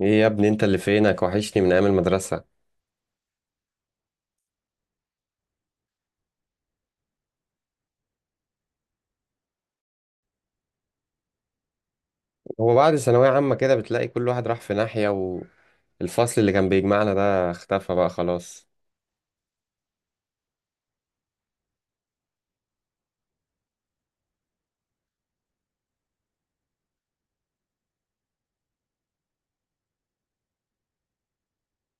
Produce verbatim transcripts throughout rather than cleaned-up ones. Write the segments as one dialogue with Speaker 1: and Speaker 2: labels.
Speaker 1: ايه يا ابني، انت اللي فينك؟ وحشني من ايام المدرسة. هو بعد ثانوية عامة كده بتلاقي كل واحد راح في ناحية، والفصل اللي كان بيجمعنا ده اختفى بقى خلاص.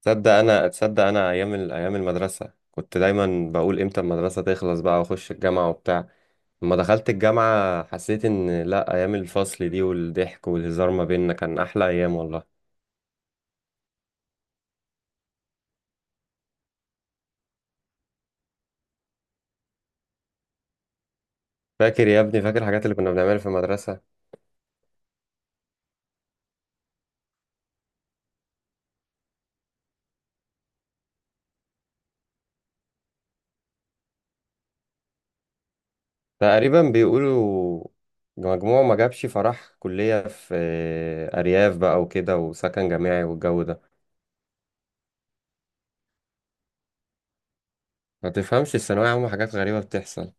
Speaker 1: تصدق انا تصدق انا ايام ال- ايام المدرسة كنت دايما بقول امتى المدرسة تخلص بقى واخش الجامعة وبتاع. لما دخلت الجامعة حسيت ان لا، ايام الفصل دي والضحك والهزار ما بيننا كان احلى ايام والله. فاكر يا ابني، فاكر الحاجات اللي كنا بنعملها في المدرسة؟ تقريبا بيقولوا مجموعه ما جابش، فراح كلية في أرياف بقى وكده وسكن جامعي والجو ده. ما تفهمش، الثانوية عامة حاجات غريبة بتحصل.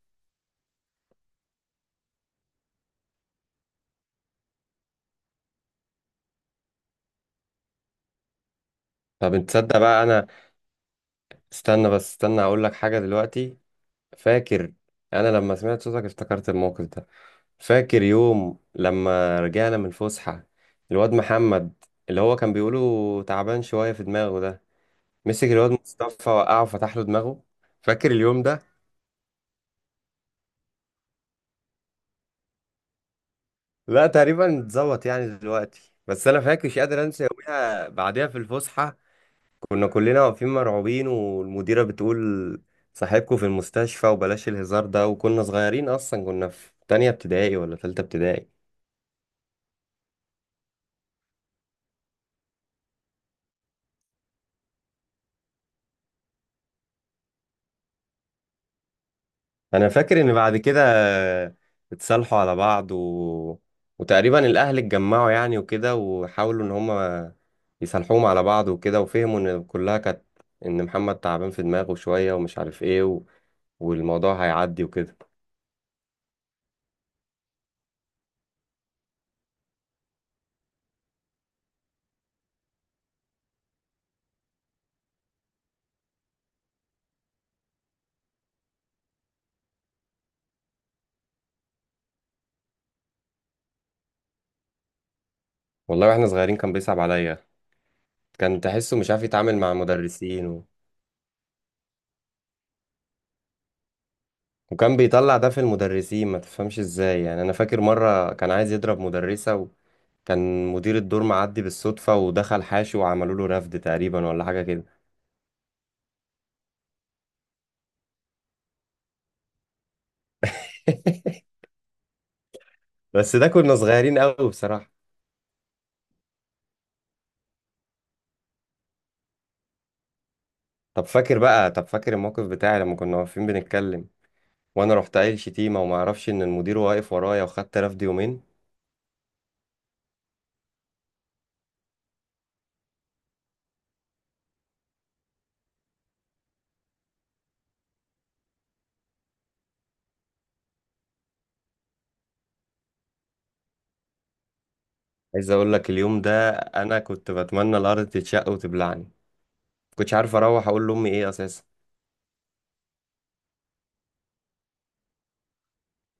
Speaker 1: طب انت تصدق بقى، أنا استنى بس، استنى أقول لك حاجة دلوقتي. فاكر؟ أنا لما سمعت صوتك افتكرت الموقف ده. فاكر يوم لما رجعنا من الفسحة؟ الواد محمد اللي هو كان بيقوله تعبان شوية في دماغه ده، مسك الواد مصطفى وقعه وفتح له دماغه. فاكر اليوم ده؟ لا تقريبا اتظبط يعني دلوقتي، بس انا فاكر مش قادر انسى يوميها. بعدها في الفسحه كنا كلنا واقفين مرعوبين والمديره بتقول صاحبكم في المستشفى وبلاش الهزار ده، وكنا صغيرين اصلا، كنا في تانية ابتدائي ولا تالتة ابتدائي. انا فاكر ان بعد كده اتصالحوا على بعض، و... وتقريبا الاهل اتجمعوا يعني وكده، وحاولوا ان هم يصالحوهم على بعض وكده، وفهموا ان كلها كانت ان محمد تعبان في دماغه شويه ومش عارف ايه، و... والموضوع هيعدي وكده. والله واحنا صغيرين كان بيصعب عليا، كان تحسه مش عارف يتعامل مع المدرسين. و... وكان بيطلع ده في المدرسين، ما تفهمش ازاي. يعني انا فاكر مرة كان عايز يضرب مدرسة، وكان مدير الدور معدي بالصدفة ودخل حاشي وعملوا له رفد تقريبا ولا حاجة كده. بس ده كنا صغيرين قوي بصراحة. طب فاكر بقى، طب فاكر الموقف بتاعي لما كنا واقفين بنتكلم وانا رحت قايل شتيمة وما اعرفش ان المدير واقف ورايا وخدت رفد يومين. عايز اقول لك اليوم ده انا كنت بتمنى الارض تتشق وتبلعني. كنتش عارف اروح اقول لامي ايه اساسا.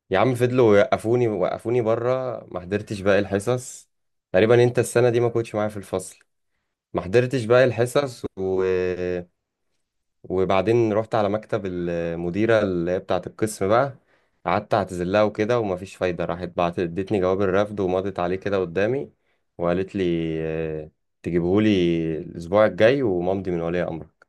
Speaker 1: يا عم فضلوا يوقفوني، وقفوني بره، ما حضرتش باقي الحصص. تقريبا انت السنه دي ما كنتش معايا في الفصل. ما حضرتش باقي الحصص، و... وبعدين رحت على مكتب المديره اللي هي بتاعه القسم بقى، قعدت اعتذر لها وكده ومفيش فايده. راحت بعت ادتني جواب الرفض ومضت عليه كده قدامي، وقالت لي آه، تجيبهولي الاسبوع الجاي ومامضي من ولي امرك.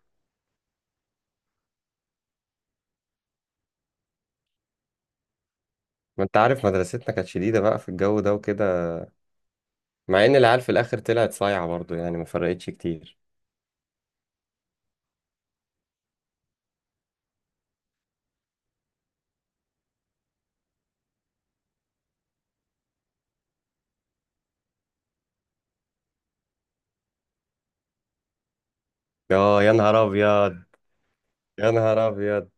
Speaker 1: ما انت عارف مدرستنا كانت شديده بقى في الجو ده وكده، مع ان العيال في الاخر طلعت صايعه برضو يعني، ما فرقتش كتير. يا يا نهار ابيض، يا نهار ابيض.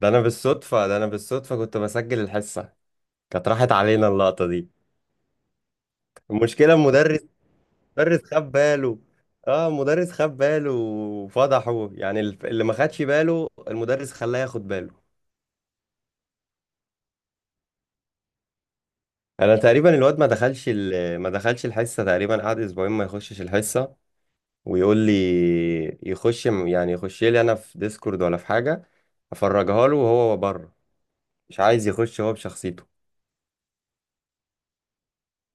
Speaker 1: ده انا بالصدفه ده انا بالصدفه كنت بسجل الحصه، كانت راحت علينا اللقطه دي. المشكله المدرس المدرس خد باله. اه المدرس خد باله وفضحه يعني، الف- اللي ما خدش باله المدرس خلاه ياخد باله. انا تقريبا الواد ما دخلش، ال- ما دخلش الحصه، تقريبا قعد اسبوعين ما يخشش الحصه، ويقول لي يخش يعني يخش لي انا في ديسكورد ولا في حاجه افرجها له وهو بره. مش عايز يخش هو بشخصيته.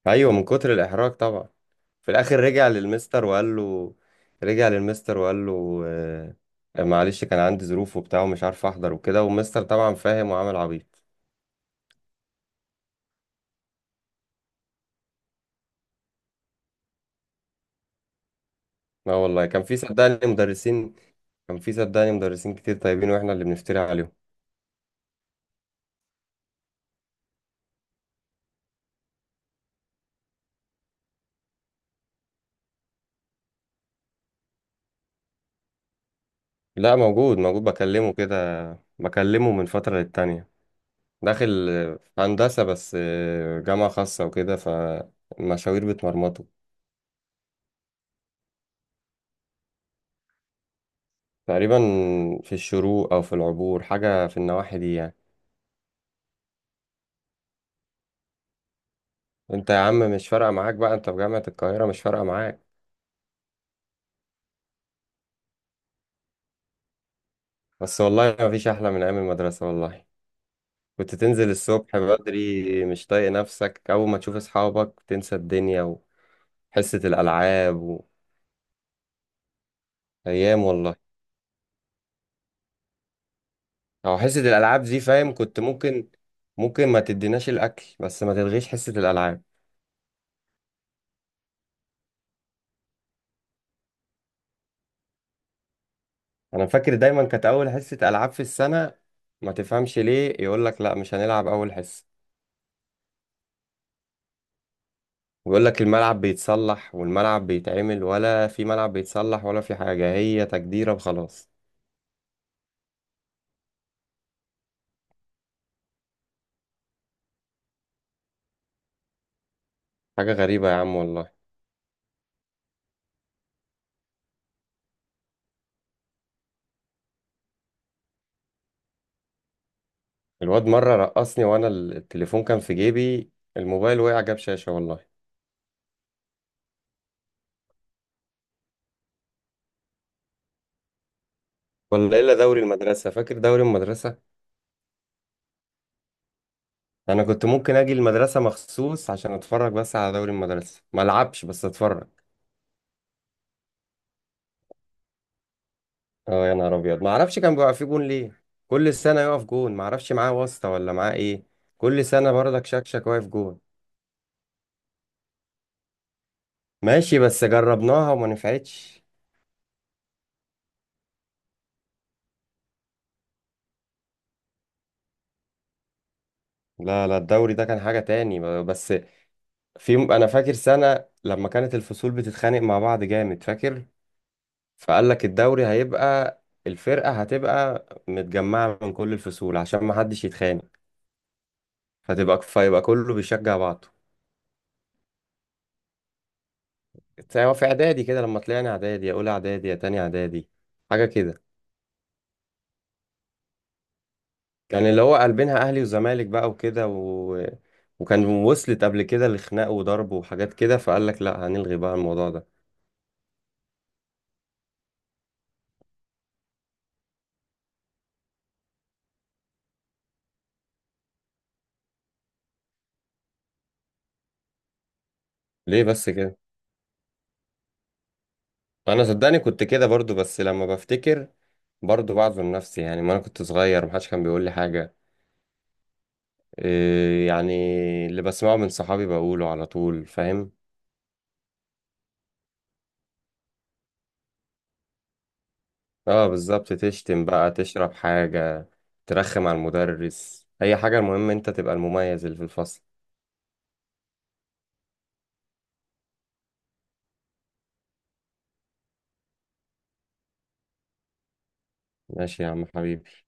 Speaker 1: ايوه من كتر الاحراج طبعا. في الاخر رجع للمستر وقال له، رجع للمستر وقال له آه، معلش كان عندي ظروف وبتاع ومش عارف احضر وكده، والمستر طبعا فاهم وعامل عبيط. لا والله كان في صدقني مدرسين، كان في صدقني مدرسين كتير طيبين واحنا اللي بنفتري عليهم. لا موجود، موجود بكلمه كده، بكلمه من فترة للتانية. داخل في هندسة بس، جامعة خاصة وكده، فالمشاوير بتمرمطه. تقريبا في الشروق أو في العبور، حاجة في النواحي دي يعني. أنت يا عم مش فارقة معاك بقى، أنت في جامعة القاهرة، مش فارقة معاك. بس والله ما فيش أحلى من أيام المدرسة والله. كنت تنزل الصبح بدري مش طايق نفسك، أول ما تشوف أصحابك تنسى الدنيا. وحصة الألعاب، وأيام والله. أو حصة الألعاب دي فاهم كنت ممكن، ممكن ما تديناش الأكل بس ما تلغيش حصة الألعاب. انا فاكر دايما كانت اول حصه العاب في السنه، ما تفهمش ليه، يقول لك لا مش هنلعب اول حصه، ويقول لك الملعب بيتصلح والملعب بيتعمل، ولا في ملعب بيتصلح ولا في حاجه، هي تجديره وخلاص. حاجه غريبه يا عم والله. الواد مره رقصني وانا التليفون كان في جيبي، الموبايل وقع جاب شاشه والله. ولا الا دوري المدرسه، فاكر دوري المدرسه؟ انا كنت ممكن اجي المدرسه مخصوص عشان اتفرج بس على دوري المدرسه، ما العبش بس اتفرج. اه يا نهار ابيض، ما اعرفش كان بيبقى في جون ليه. كل سنه يقف جون، ما اعرفش معاه واسطه ولا معاه ايه. كل سنه برضك شكشك واقف جون. ماشي، بس جربناها وما نفعتش. لا لا، الدوري ده كان حاجه تاني ب- بس. في، انا فاكر سنه لما كانت الفصول بتتخانق مع بعض جامد، فاكر؟ فقال لك الدوري هيبقى، الفرقه هتبقى متجمعه من كل الفصول عشان ما حدش يتخانق، فتبقى فيبقى كله بيشجع بعضه. هو في اعدادي كده لما طلعنا اعدادي، يا اولى اعدادي يا تاني اعدادي، حاجه كده. كان اللي هو قلبينها اهلي وزمالك بقى وكده، و... وكان وصلت قبل كده لخناق وضرب وحاجات كده، فقال لك لا هنلغي بقى الموضوع ده. ليه بس كده؟ انا صدقني كنت كده برضو، بس لما بفتكر برضو بعذر نفسي يعني، ما انا كنت صغير محدش كان بيقول لي حاجة. إيه يعني، اللي بسمعه من صحابي بقوله على طول فاهم. اه بالظبط، تشتم بقى، تشرب حاجة، ترخم على المدرس، اي حاجة، المهم انت تبقى المميز اللي في الفصل. ماشي يا عم حبيبي.